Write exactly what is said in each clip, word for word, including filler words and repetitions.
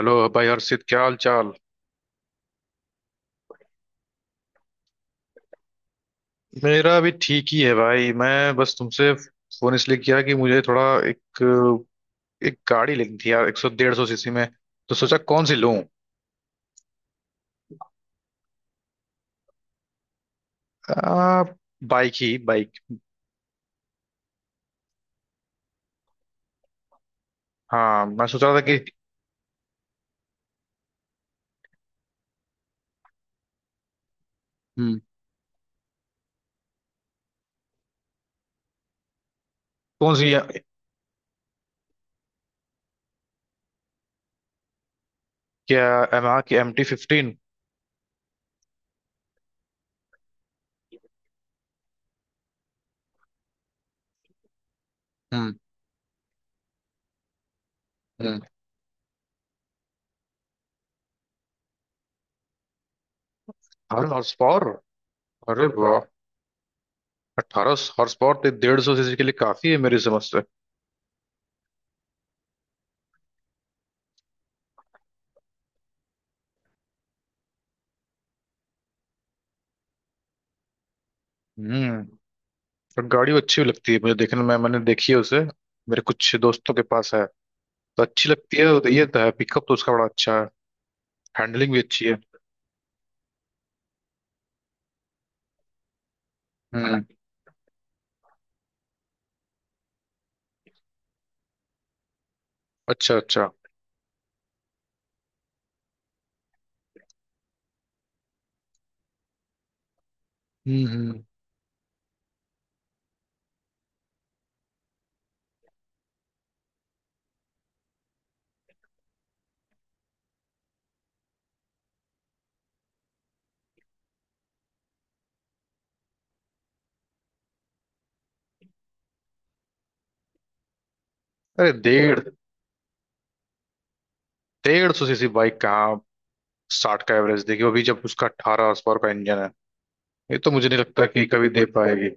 Hello भाई हर्षित, क्या हाल चाल। मेरा अभी ठीक ही है भाई। मैं बस तुमसे फोन इसलिए किया कि मुझे थोड़ा एक एक गाड़ी लेनी थी यार, एक सौ डेढ़ सौ सीसी में। तो सोचा कौन सी लूं। आ, बाइक ही बाइक। हाँ मैं सोच रहा था कि। हम्म। कौन सी है? क्या, यामाहा की एम टी फिफ्टीन? हम्म। हम्म। अठारह हॉर्स पावर? अरे वाह। अठारह हॉर्स पावर तो डेढ़ सौ सीसी के लिए काफी है मेरी समझ से। हम्म। और गाड़ी अच्छी भी लगती है मुझे देखने में, मैंने देखी है उसे। मेरे कुछ दोस्तों के पास है, तो अच्छी लगती है। तो ये तो है, पिकअप तो उसका बड़ा अच्छा है। हैंडलिंग भी अच्छी है। हम्म। अच्छा अच्छा। हम्म हम्म। अरे डेढ़ डेढ़ सौ सीसी बाइक कहाँ साठ का एवरेज देगी अभी, जब उसका अठारह हॉर्स पावर का इंजन है। ये तो मुझे नहीं लगता कि कभी दे पाएगी।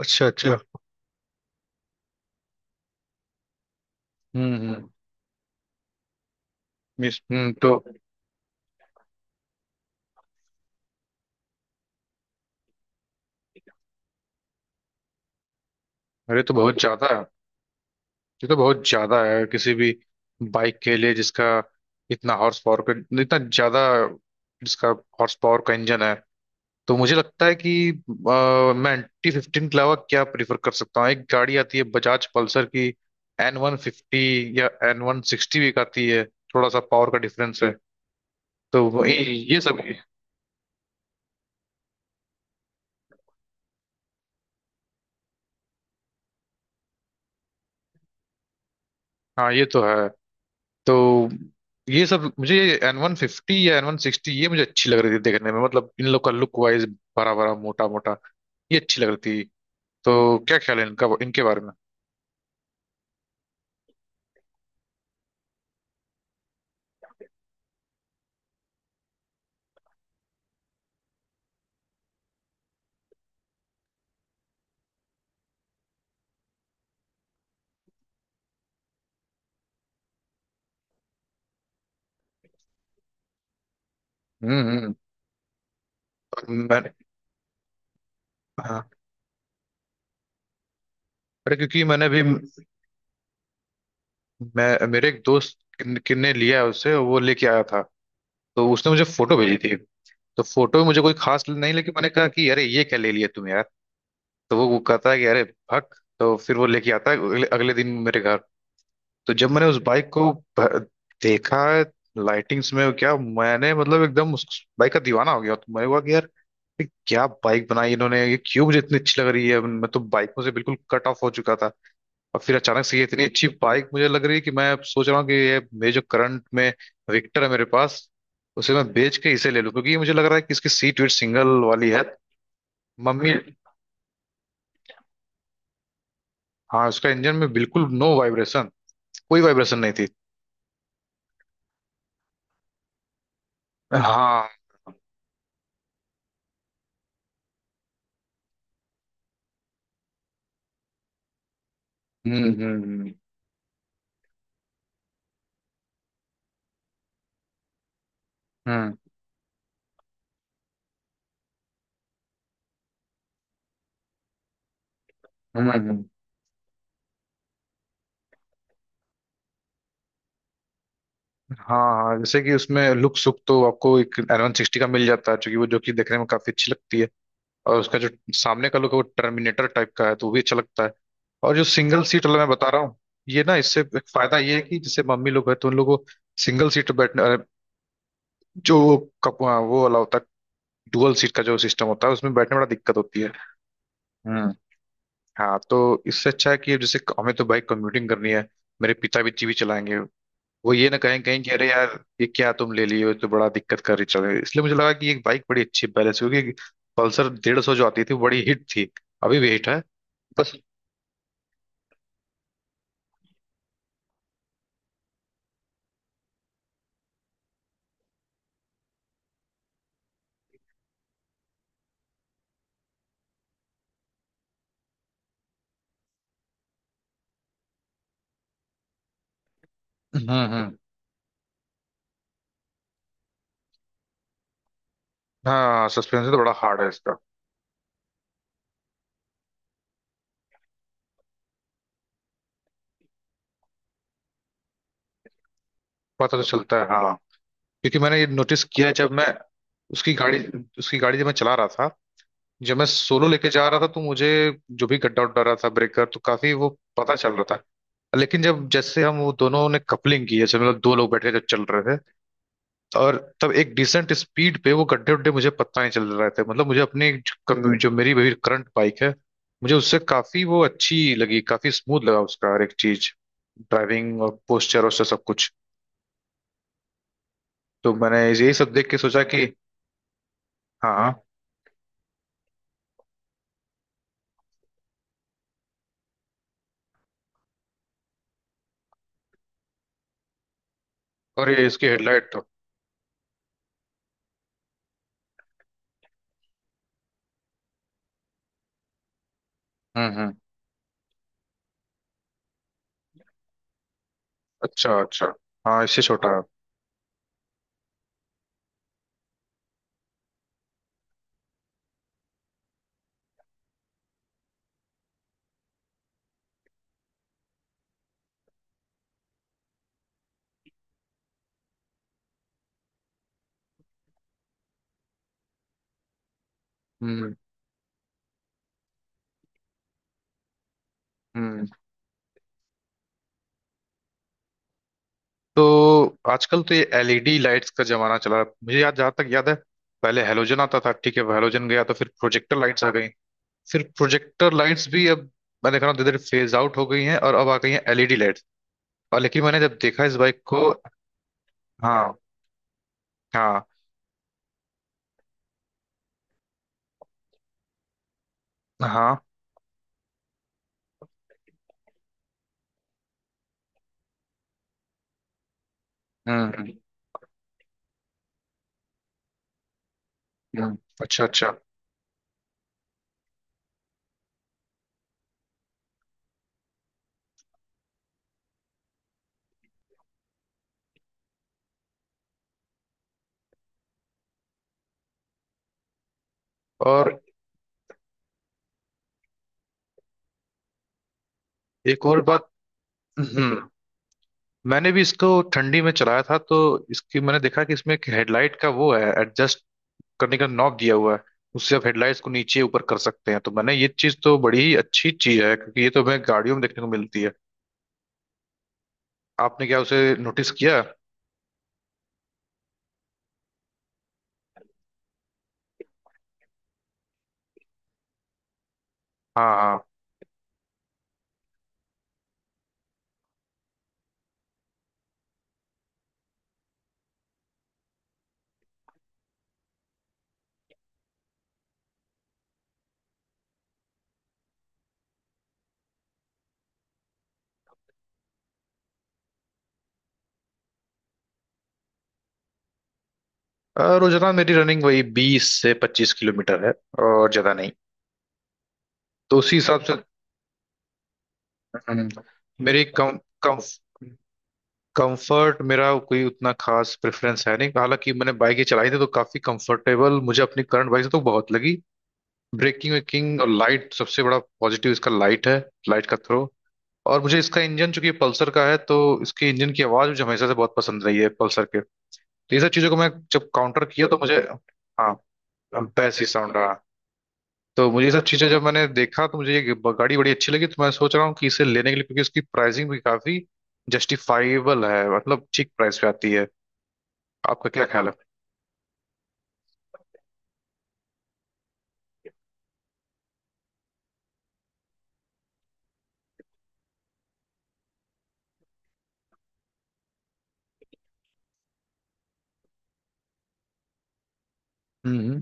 अच्छा अच्छा। हम्म हम्म। मिस- हम्म। तो अरे तो बहुत ज्यादा है। ये तो बहुत ज्यादा है किसी भी बाइक के लिए, जिसका इतना हॉर्स पावर का इतना ज्यादा जिसका हॉर्स पावर का इंजन है। तो मुझे लगता है कि अ, मैं एंटी फिफ्टीन के अलावा क्या प्रीफर कर सकता हूँ। एक गाड़ी आती है बजाज पल्सर की, एन वन फिफ्टी या एन वन सिक्सटी भी एक आती है। थोड़ा सा पावर का डिफरेंस है। तो वो- ये ये सब। हाँ ये तो है। तो ये सब मुझे, एन वन फिफ्टी या एन वन सिक्सटी, ये मुझे अच्छी लग रही थी देखने में, मतलब इन लोग का लुक वाइज बड़ा बड़ा मोटा मोटा, ये अच्छी लग रही थी। तो क्या ख्याल है इनका, इनके बारे में? हम्म हम्म। मैंने। हाँ। अरे क्योंकि मैंने भी, मैं मेरे एक दोस्त किन- किन्ने लिया है उसे, वो लेके आया था, तो उसने मुझे फोटो भेजी थी। तो फोटो में मुझे कोई खास नहीं लगी, मैंने कहा कि अरे ये क्या ले लिया तुम यार। तो वो वो कहता है कि अरे भक, तो फिर वो लेके आता है अगले, अगले दिन मेरे घर। तो जब मैंने उस बाइक को भ- देखा लाइटिंग्स में, क्या मैंने मतलब एकदम उस बाइक का दीवाना हो गया। तो मैं हुआ कि यार, ये क्या बाइक बनाई इन्होंने, ये क्यों मुझे इतनी अच्छी लग रही है। मैं तो बाइकों से बिल्कुल कट ऑफ हो चुका था, और फिर अचानक से ये इतनी अच्छी बाइक मुझे लग रही है कि मैं अब सोच रहा हूँ कि ये मेरे जो करंट में विक्टर है मेरे पास, उसे मैं बेच के इसे ले लूँ। क्योंकि ये मुझे लग रहा है कि इसकी सीट वीट सिंगल वाली है। मम्मी। हाँ उसका इंजन में बिल्कुल नो वाइब्रेशन, कोई वाइब्रेशन नहीं थी। हाँ। हम्म। हम्म हम्म। हम्म। हम्म। हाँ हाँ। जैसे कि उसमें लुक सुक तो आपको एक एन वन सिक्सटी का मिल जाता है, क्योंकि वो जो कि देखने में काफी अच्छी लगती है। और उसका जो सामने का लुक है वो टर्मिनेटर टाइप का है, तो वो भी अच्छा लगता है। और जो सिंगल सीट वाला मैं बता रहा हूँ, ये ना, इससे एक फायदा ये है कि जैसे मम्मी लोग है तो उन लोगों को सिंगल सीट बैठने अरे, जो कप हाँ, वो वाला होता है। डुअल सीट का जो सिस्टम होता है उसमें बैठने में बड़ा दिक्कत होती है। हम्म। हाँ तो इससे अच्छा है कि जैसे हमें तो बाइक कम्यूटिंग करनी है। मेरे पिता भी जीवी चलाएंगे, वो ये ना कहें कहीं कि अरे यार ये क्या तुम ले लिए हो, ये तो बड़ा दिक्कत कर रही चल रही है। इसलिए मुझे लगा कि ये बाइक बड़ी अच्छी बैलेंस, क्योंकि पल्सर डेढ़ सौ जो आती थी वो बड़ी हिट थी, अभी भी हिट है। बस। हम्म हम्म। हाँ सस्पेंस तो बड़ा हार्ड है इसका। पता तो चलता है हाँ, क्योंकि मैंने ये नोटिस किया है। जब मैं उसकी गाड़ी उसकी गाड़ी जब मैं चला रहा था, जब मैं सोलो लेके जा रहा था, तो मुझे जो भी गड्ढा उड्ढा रहा था, ब्रेकर, तो काफी वो पता चल रहा था। लेकिन जब जैसे हम वो दोनों ने कपलिंग की, जैसे मतलब दो लोग बैठे जब चल रहे थे, और तब एक डिसेंट स्पीड पे वो गड्ढे उड्ढे मुझे पता नहीं चल रहे थे। मतलब मुझे अपने जो कम- जो मेरी मेरी करंट बाइक है, मुझे उससे काफी वो अच्छी लगी, काफी स्मूथ लगा उसका हर एक चीज, ड्राइविंग और पोस्चर और सब कुछ। तो मैंने यही सब देख के सोचा कि। हाँ। और ये इसकी हेडलाइट तो। हम्म हम्म। अच्छा अच्छा। हाँ इससे छोटा है। हम्म हम्म। तो आजकल तो ये एल ई डी लाइट्स का जमाना चला है। मुझे याद, जहाँ तक याद है, पहले हेलोजन आता था। ठीक है, हेलोजन गया तो फिर प्रोजेक्टर लाइट्स आ गई। सिर्फ प्रोजेक्टर लाइट्स भी अब मैं देख रहा हूँ धीरे धीरे फेज आउट हो गई हैं, और अब आ गई हैं एल ई डी लाइट्स। और लेकिन मैंने जब देखा इस बाइक को। हाँ हाँ। हाँ। हम्म हम्म। हम्म। अच्छा अच्छा। और एक और बात। हम्म। मैंने भी इसको ठंडी में चलाया था, तो इसकी मैंने देखा कि इसमें एक हेडलाइट का वो है एडजस्ट करने का नॉब दिया हुआ है। उससे आप हेडलाइट्स को नीचे ऊपर कर सकते हैं। तो मैंने ये चीज तो बड़ी ही अच्छी चीज है, क्योंकि ये तो हमें गाड़ियों में देखने को मिलती है। आपने क्या उसे नोटिस किया? हाँ हाँ। अ, रोजाना मेरी रनिंग वही बीस से पच्चीस किलोमीटर है, और ज्यादा नहीं। तो उसी हिसाब से। हम्म। मेरी कम कम कंफर्ट मेरा कोई उतना खास प्रेफरेंस है नहीं, हालांकि मैंने बाइक ही चलाई थी तो काफी कंफर्टेबल मुझे अपनी करंट बाइक से तो बहुत लगी। ब्रेकिंग वेकिंग और लाइट, सबसे बड़ा पॉजिटिव इसका लाइट है, लाइट का थ्रो। और मुझे इसका इंजन चूंकि पल्सर का है, तो इसके इंजन की आवाज मुझे हमेशा से बहुत पसंद रही है पल्सर के। तो ये सब चीजों को मैं जब काउंटर किया तो मुझे। हाँ बेस ही साउंड। तो मुझे ये सब चीजें जब मैंने देखा तो मुझे ये ब- गाड़ी बड़ी अच्छी लगी। तो मैं सोच रहा हूँ कि इसे लेने के लिए, क्योंकि इसकी प्राइसिंग भी काफी जस्टिफाइबल है, मतलब ठीक प्राइस पे आती है। आपका क्या ख्याल है? हम्म।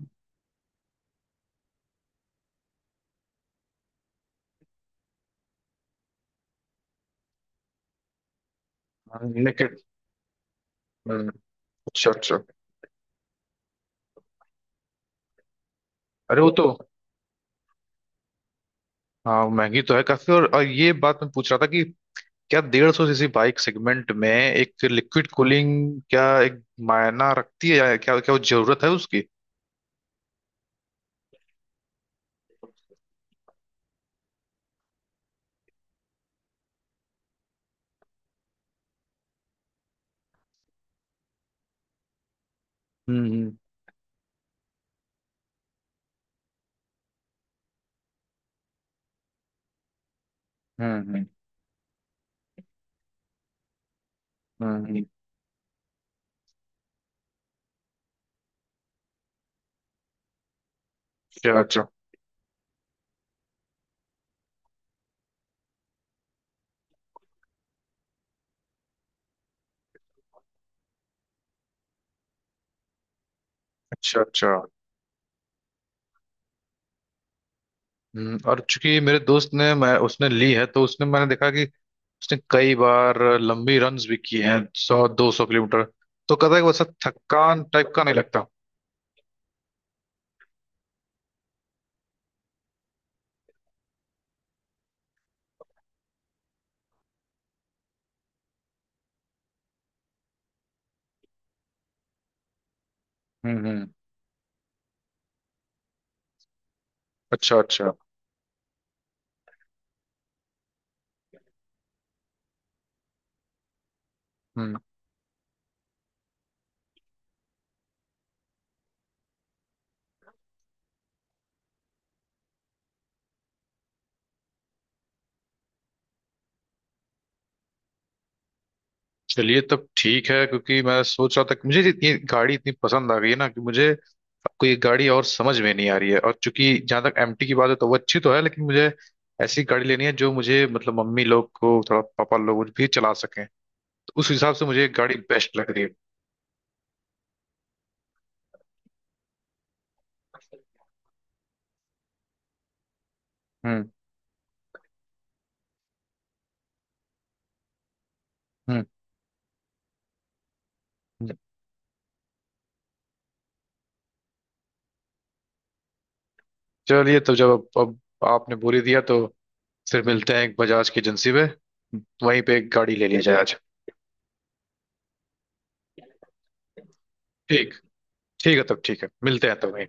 लेकिन। हम्म। अच्छा अच्छा। अरे वो तो। हाँ महंगी तो है काफी। और, और ये बात मैं पूछ रहा था कि क्या डेढ़ सौ सीसी बाइक सेगमेंट में एक लिक्विड कूलिंग क्या एक मायना रखती है, या क्या, क्या वो जरूरत है उसकी? हम्म हम्म। हम्म हम्म। हम्म। अच्छा अच्छा। अच्छा अच्छा। हम्म। और चूंकि मेरे दोस्त ने, मैं, उसने ली है, तो उसने, मैंने देखा कि उसने कई बार लंबी रन्स भी की हैं। सौ दो सौ किलोमीटर। तो कहता है कि वैसा थकान टाइप का नहीं लगता। हम्म हम्म। अच्छा अच्छा। हम्म। चलिए तब ठीक है, क्योंकि मैं सोच रहा था कि मुझे ये गाड़ी इतनी पसंद आ गई है ना, कि मुझे अब कोई गाड़ी और समझ में नहीं आ रही है। और चूंकि जहां तक एम टी की बात है तो वो अच्छी तो है, लेकिन मुझे ऐसी गाड़ी लेनी है जो मुझे मतलब मम्मी लोग को, थोड़ा पापा लोग भी चला सकें। तो उस हिसाब से मुझे एक गाड़ी बेस्ट लग रही है। हम्म हम्म। चलिए तो जब अब, अब आपने बोली दिया, तो फिर मिलते हैं एक बजाज की एजेंसी में, वहीं पे एक गाड़ी ले ली जाए आज। ठीक ठीक है तब, ठीक है, मिलते हैं तब वहीं।